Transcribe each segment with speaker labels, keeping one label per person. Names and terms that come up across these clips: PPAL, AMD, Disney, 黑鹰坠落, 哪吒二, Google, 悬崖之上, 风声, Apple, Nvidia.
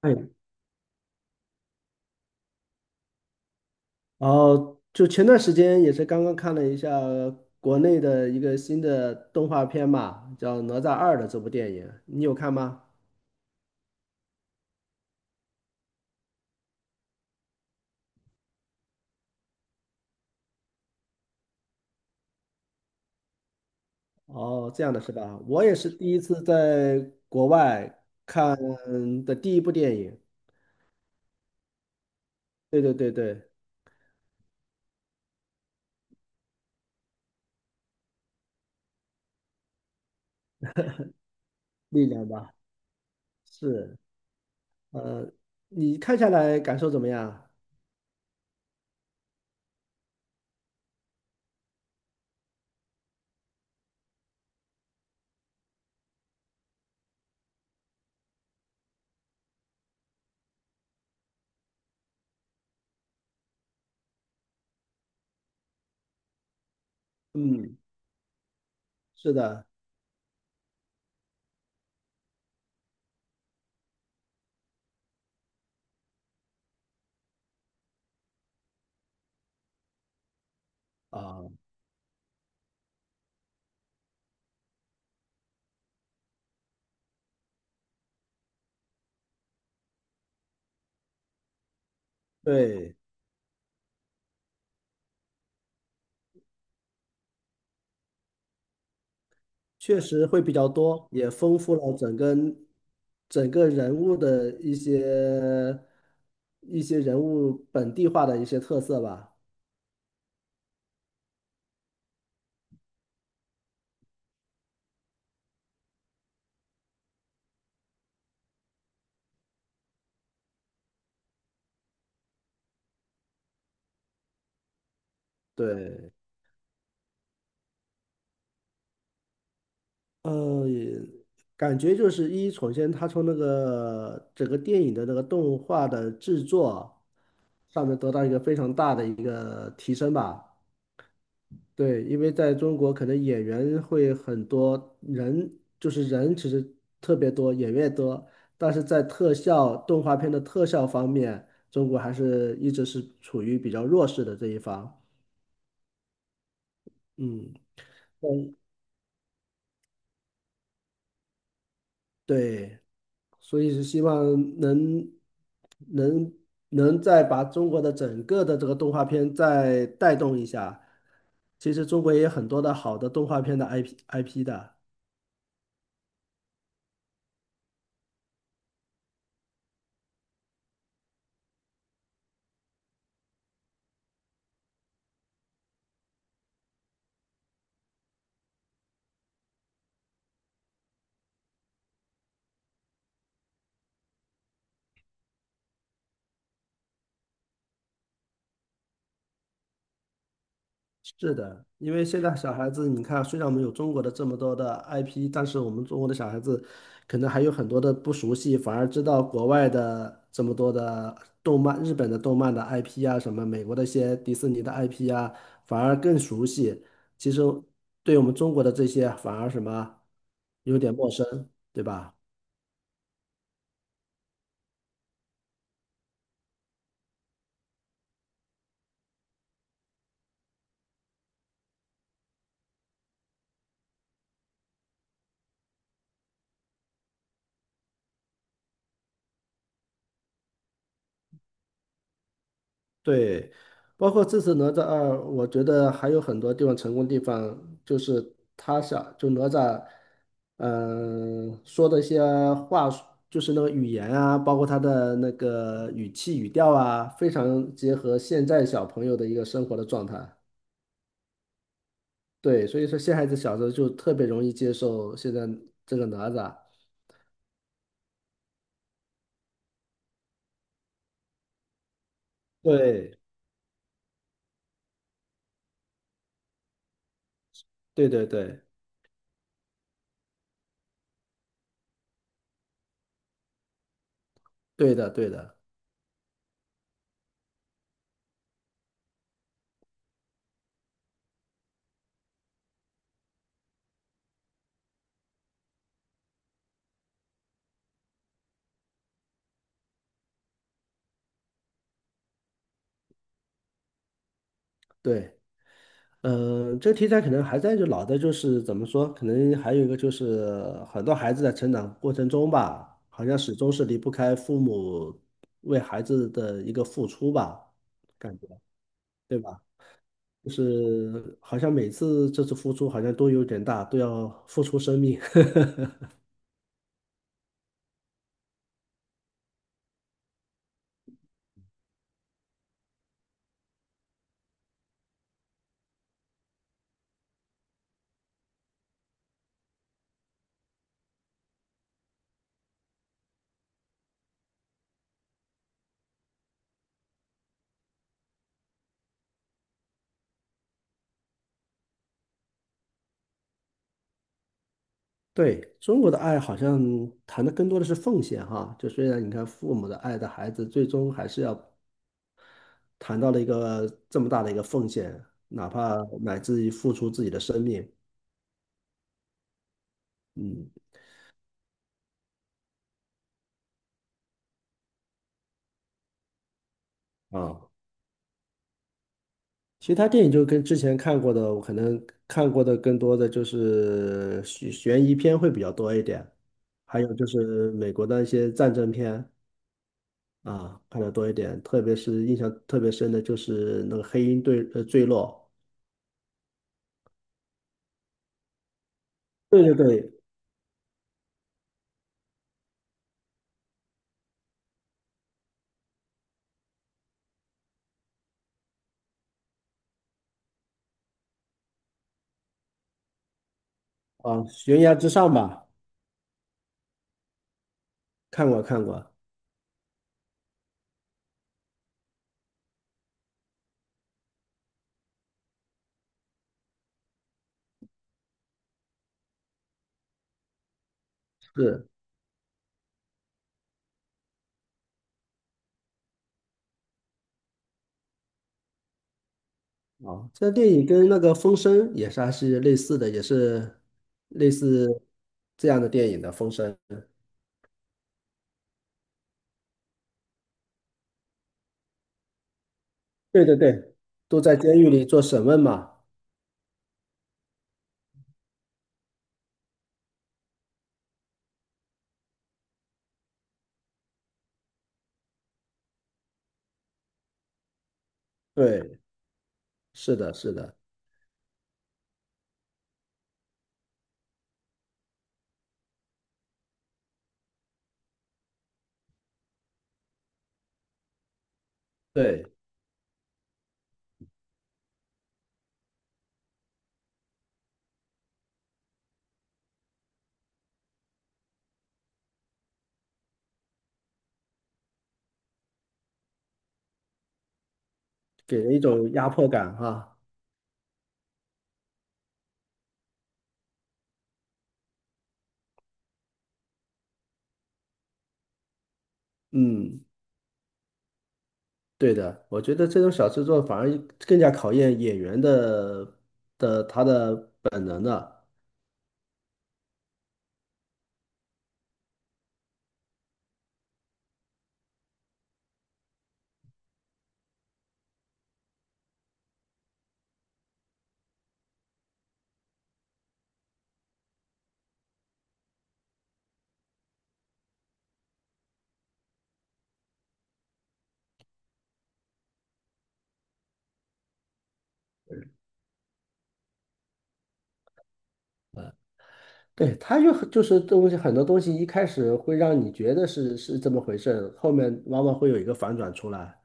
Speaker 1: 哎，然后就前段时间也是刚刚看了一下国内的一个新的动画片嘛，叫《哪吒二》的这部电影，你有看吗？哦，这样的是吧？我也是第一次在国外看的第一部电影。对对对对，力量吧，是，呃，你看下来感受怎么样？嗯，是的，啊，对，确实会比较多，也丰富了整个整个人物的一些一些人物本地化的一些特色吧。对，也感觉就是一，首先它从那个整个电影的那个动画的制作上面得到一个非常大的一个提升吧。对，因为在中国可能演员会很多人，就是人其实特别多，演员也多，但是在特效动画片的特效方面，中国还是一直是处于比较弱势的这一方。嗯，嗯对，所以是希望能能能再把中国的整个的这个动画片再带动一下。其实中国也有很多的好的动画片的 IP 的。是的，因为现在小孩子，你看，虽然我们有中国的这么多的 IP,但是我们中国的小孩子可能还有很多的不熟悉，反而知道国外的这么多的动漫，日本的动漫的 IP 啊，什么美国的一些迪士尼的 IP 啊，反而更熟悉。其实对我们中国的这些反而什么有点陌生，对吧？对，包括这次哪吒二，我觉得还有很多地方成功的地方，就是他想就哪吒，嗯、说的一些话术就是那个语言啊，包括他的那个语气语调啊，非常结合现在小朋友的一个生活的状态。对，所以说现孩子小时候就特别容易接受现在这个哪吒。对，对对对，对的，对的，对。嗯，这个题材可能还在就老的，就是怎么说，可能还有一个就是很多孩子在成长过程中吧，好像始终是离不开父母为孩子的一个付出吧，感觉，对吧？就是好像每次这次付出好像都有点大，都要付出生命。对，中国的爱好像谈的更多的是奉献哈，就虽然你看父母的爱的孩子，最终还是要谈到了一个这么大的一个奉献，哪怕乃至于付出自己的生命，嗯啊，其实他电影就跟之前看过的，我可能看过的更多的就是悬疑片会比较多一点，还有就是美国的一些战争片啊，看的多一点，特别是印象特别深的就是那个《黑鹰坠坠落》，对对对，啊，悬崖之上吧，看过看过，是。哦，这电影跟那个《风声》也是还是类似的，也是类似这样的电影的《风声》。对对对，都在监狱里做审问嘛。对，是的，是的，对，给人一种压迫感哈。嗯，对的，我觉得这种小制作反而更加考验演员的的他的本能的。呃对，他就就是东西很多东西一开始会让你觉得是这么回事，后面往往会有一个反转出来。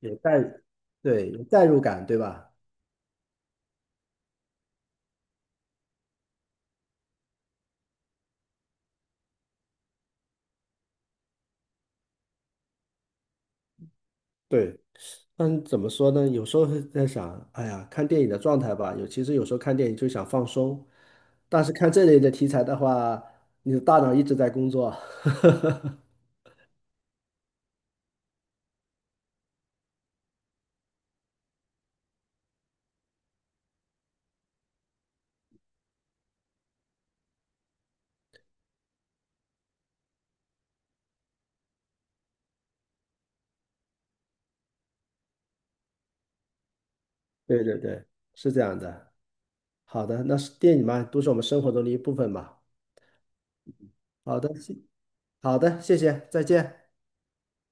Speaker 1: 有代，对，有代入感，对吧？对，但怎么说呢？有时候会在想，哎呀，看电影的状态吧，有其实有时候看电影就想放松，但是看这类的题材的话，你的大脑一直在工作。对对对，是这样的。好的，那是电影嘛，都是我们生活中的一部分嘛。好的，好的，谢谢，再见。